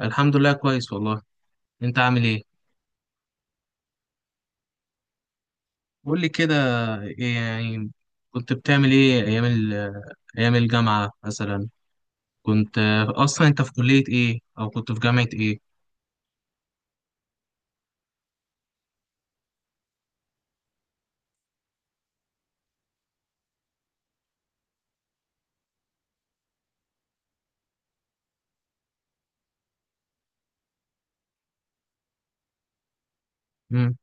الحمد لله كويس والله. انت عامل ايه؟ قول لي كده، ايه يعني؟ كنت بتعمل ايه ايام ايام الجامعة مثلا؟ كنت اصلا انت في كلية ايه او كنت في جامعة ايه؟ مم.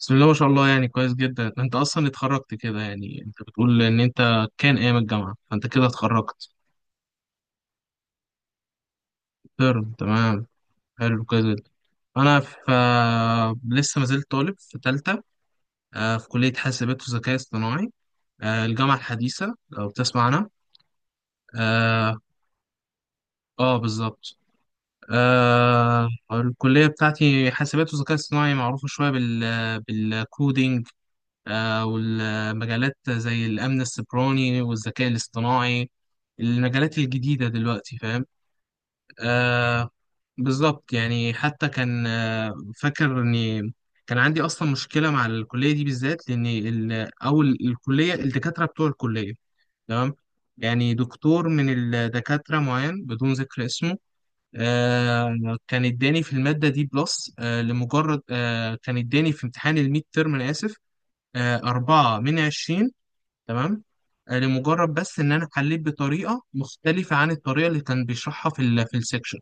بسم الله ما شاء الله، يعني كويس جدا. انت اصلا اتخرجت كده؟ يعني انت بتقول ان انت كان ايام الجامعة، فانت كده اتخرجت. ترم، تمام. حلو، كويس جدا. انا في لسه ما زلت طالب في تالتة. في كلية حاسبات وذكاء اصطناعي. الجامعة الحديثة لو بتسمع عنها. اه، بالظبط. الكلية بتاعتي حاسبات وذكاء اصطناعي معروفة شوية بالكودينج. والمجالات زي الأمن السيبراني والذكاء الاصطناعي، المجالات الجديدة دلوقتي، فاهم؟ آه. بالظبط، يعني حتى كان. فاكر إني كان عندي أصلا مشكلة مع الكلية دي بالذات، لأن أول الكلية الدكاترة بتوع الكلية. تمام. يعني دكتور من الدكاترة معين بدون ذكر اسمه. آه كان اداني في المادة دي بلس، لمجرد كان اداني في امتحان الميد ترم، أنا آسف، 4 من 20. تمام. لمجرد بس إن أنا حليت بطريقة مختلفة عن الطريقة اللي كان بيشرحها في السكشن،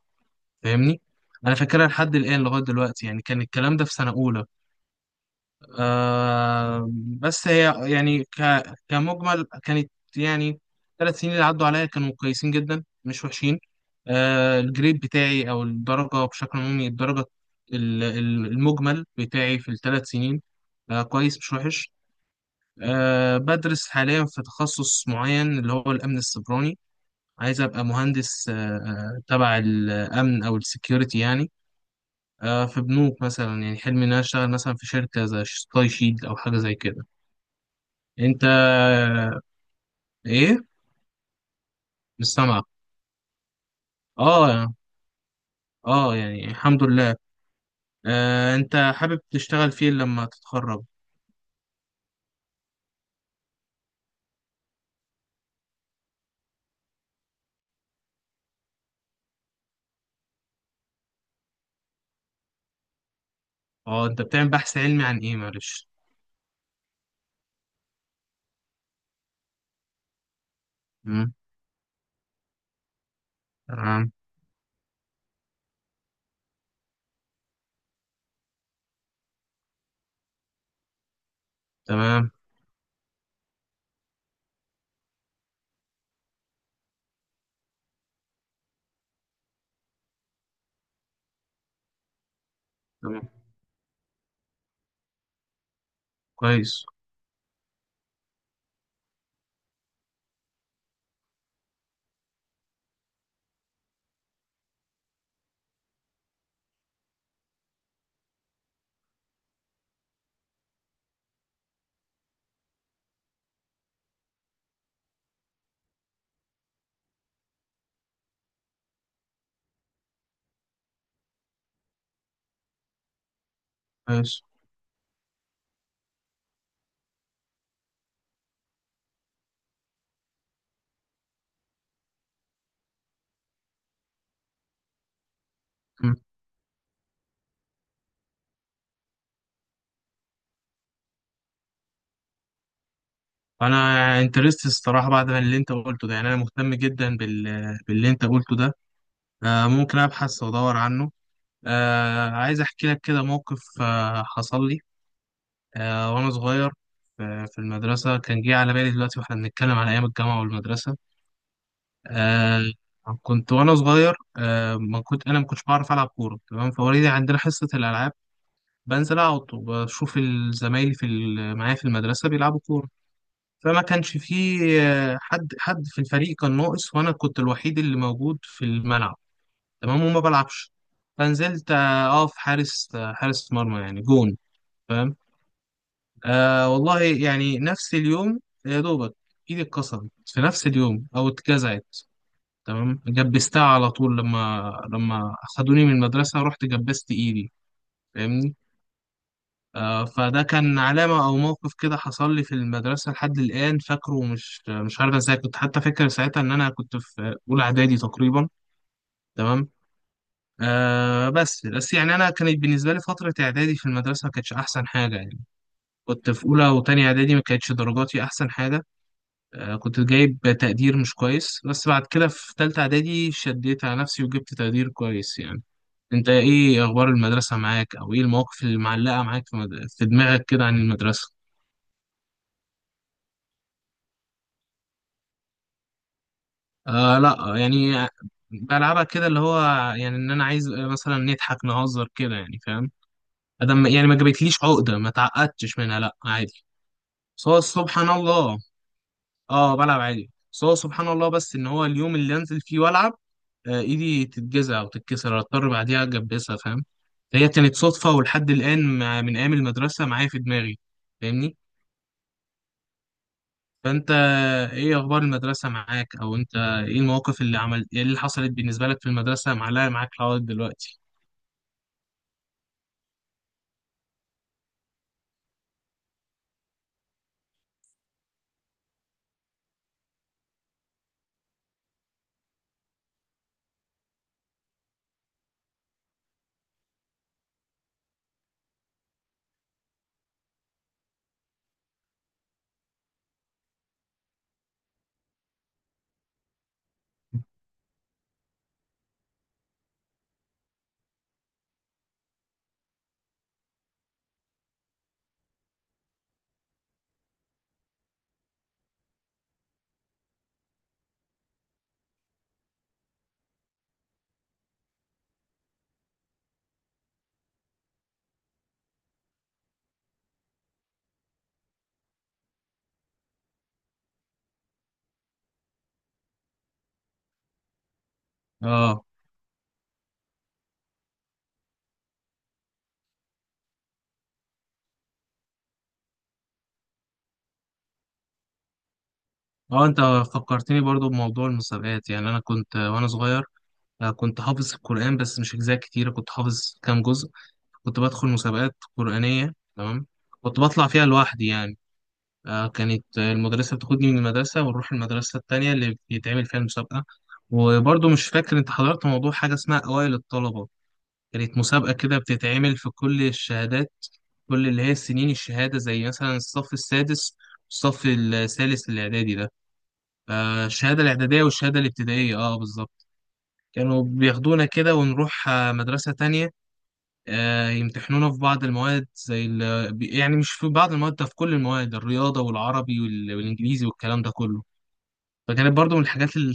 فاهمني؟ أنا فاكرها لحد الآن لغاية دلوقتي، يعني كان الكلام ده في سنة أولى. آه بس هي يعني كمجمل كانت، يعني، 3 سنين اللي عدوا عليا كانوا كويسين جدا، مش وحشين. الجريد بتاعي أو الدرجة بشكل عمومي الدرجة، المجمل بتاعي في ال3 سنين، كويس مش وحش. بدرس حاليا في تخصص معين اللي هو الأمن السيبراني. عايز أبقى مهندس تبع الأمن أو السكيورتي يعني. في بنوك مثلا، يعني حلمي إن أنا أشتغل مثلا في شركة زي سكاي شيلد أو حاجة زي كده. انت ايه؟ مش سامعك. اه، اه، يعني الحمد لله. انت حابب تشتغل فين لما تتخرج؟ اه، انت بتعمل بحث علمي عن ايه، معلش؟ مم، تمام. تمام، تمام، كويس، كويس. مم. انا انترست الصراحه بعد ما اللي انت قلته ده، يعني انا مهتم جدا باللي انت قلته ده. ممكن ابحث وادور عنه. عايز احكي لك كده موقف حصل لي، وأنا صغير في في المدرسة. كان جه على بالي دلوقتي وإحنا بنتكلم على أيام الجامعة والمدرسة. آه، كنت وأنا صغير، ما كنتش بعرف ألعب كورة، تمام. فوالدي عندنا حصة الألعاب بنزل أقعد وبشوف زمايلي معايا في المدرسة بيلعبوا كورة. فما كانش فيه حد في الفريق كان ناقص، وأنا كنت الوحيد اللي موجود في الملعب، تمام، وما بلعبش. فنزلت أقف حارس، حارس مرمى يعني، جون. والله يعني نفس اليوم، يا دوبك، ايدي اتكسرت في نفس اليوم او اتجزعت. تمام. جبستها على طول، لما اخدوني من المدرسة رحت جبست ايدي، فاهمني. فده كان علامة او موقف كده حصل لي في المدرسة لحد الآن فاكره، ومش مش عارف ازاي كنت حتى فاكر ساعتها ان انا كنت في اولى اعدادي تقريبا، تمام. بس يعني انا كانت بالنسبه لي فتره اعدادي في المدرسه ما كانتش احسن حاجه، يعني كنت في اولى وتانية اعدادي ما كانتش درجاتي احسن حاجه. كنت جايب تقدير مش كويس، بس بعد كده في تالتة إعدادي شديت على نفسي وجبت تقدير كويس يعني. أنت إيه أخبار المدرسة معاك، أو إيه المواقف اللي معلقة معاك في دماغك كده عن المدرسة؟ لأ يعني بلعبها كده، اللي هو يعني إن أنا عايز مثلا نضحك نهزر كده، يعني فاهم؟ أدم يعني ما جابتليش عقدة، ما تعقدتش منها، لأ عادي. بس هو سبحان الله. اه، بلعب عادي، بس هو سبحان الله، بس ان هو اليوم اللي انزل فيه والعب، ايدي تتجزع او تتكسر، اضطر بعديها اجبسها، فاهم. هي كانت صدفه ولحد الان، مع، من ايام المدرسه معايا في دماغي، فاهمني. فانت ايه اخبار المدرسه معاك، او انت ايه المواقف اللي عملت ايه اللي حصلت بالنسبه لك في المدرسه معلقه معاك لغايه دلوقتي؟ اه. اه، انت فكرتني برضو بموضوع المسابقات. يعني انا كنت وانا صغير، كنت حافظ القران، بس مش اجزاء كتيره، كنت حافظ كام جزء. كنت بدخل مسابقات قرآنية، تمام. كنت بطلع فيها لوحدي يعني. كانت المدرسة بتاخدني من المدرسة ونروح المدرسة التانية اللي بيتعمل فيها المسابقة. وبرضه مش فاكر، انت حضرت موضوع حاجة اسمها أوائل الطلبة؟ كانت مسابقة كده بتتعمل في كل الشهادات، كل اللي هي السنين الشهادة، زي مثلا الصف السادس والصف الثالث الإعدادي ده. الشهادة الإعدادية والشهادة الابتدائية، اه بالظبط. كانوا بياخدونا كده ونروح مدرسة تانية، يمتحنونا في بعض المواد زي يعني مش في بعض المواد، ده في كل المواد، الرياضة والعربي والإنجليزي والكلام ده كله. فكانت برضو من الحاجات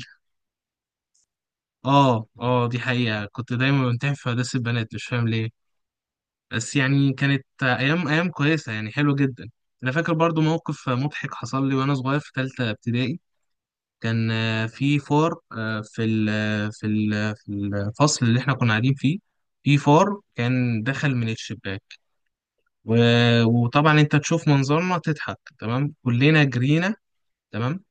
دي حقيقة كنت دايما بمتحن في هندسة البنات مش فاهم ليه، بس يعني كانت أيام، أيام كويسة، يعني حلوة جدا. أنا فاكر برضو موقف مضحك حصل لي وأنا صغير في تالتة ابتدائي، كان في فار، في الفصل اللي إحنا كنا قاعدين فيه، في فار كان دخل من الشباك، وطبعا انت تشوف منظرنا تضحك، تمام، كلنا جرينا، تمام،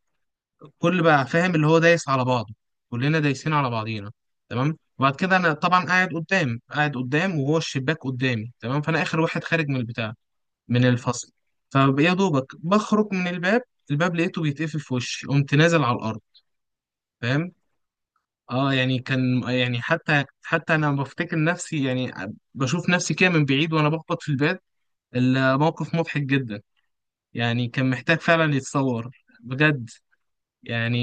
كل بقى فاهم اللي هو دايس على بعضه، كلنا دايسين على بعضينا، تمام. وبعد كده انا طبعا قاعد قدام وهو الشباك قدامي، تمام. فانا اخر واحد خارج من البتاع، من الفصل. فيا دوبك بخرج من الباب، الباب لقيته بيتقفل في وشي، قمت نازل على الارض، فاهم. اه يعني كان يعني حتى انا بفتكر نفسي، يعني بشوف نفسي كده من بعيد وانا بخبط في الباب، الموقف مضحك جدا. يعني كان محتاج فعلا يتصور، بجد، يعني.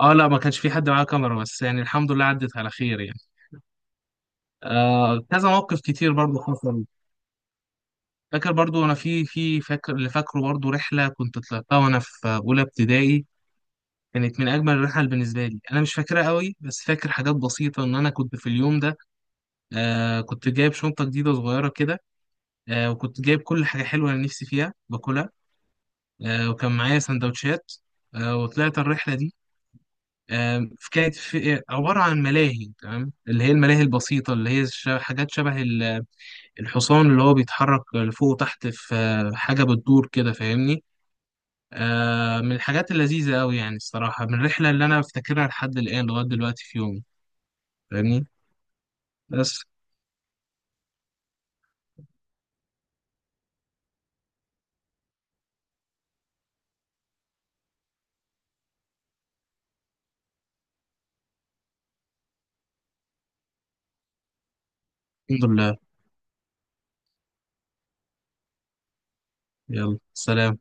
اه لا، ما كانش في حد معاه كاميرا، بس يعني الحمد لله عدت على خير يعني. كذا موقف كتير برضو حصل. فاكر برضو انا في في فاكر اللي فاكره برضو رحله كنت طلعتها وانا في اولى ابتدائي، كانت من اجمل الرحل بالنسبه لي. انا مش فاكرها قوي بس فاكر حاجات بسيطه، ان انا كنت في اليوم ده كنت جايب شنطه جديده صغيره كده، وكنت جايب كل حاجه حلوه انا نفسي فيها باكلها، وكان معايا سندوتشات، وطلعت الرحله دي. في كانت في عبارة عن ملاهي، تمام، اللي هي الملاهي البسيطة اللي هي حاجات شبه الحصان اللي هو بيتحرك لفوق وتحت، في حاجة بتدور كده، فاهمني. من الحاجات اللذيذة أوي، يعني الصراحة، من الرحلة اللي أنا أفتكرها لحد الآن لغاية دلوقتي في يومي، فاهمني. بس الحمد لله. يلا سلام.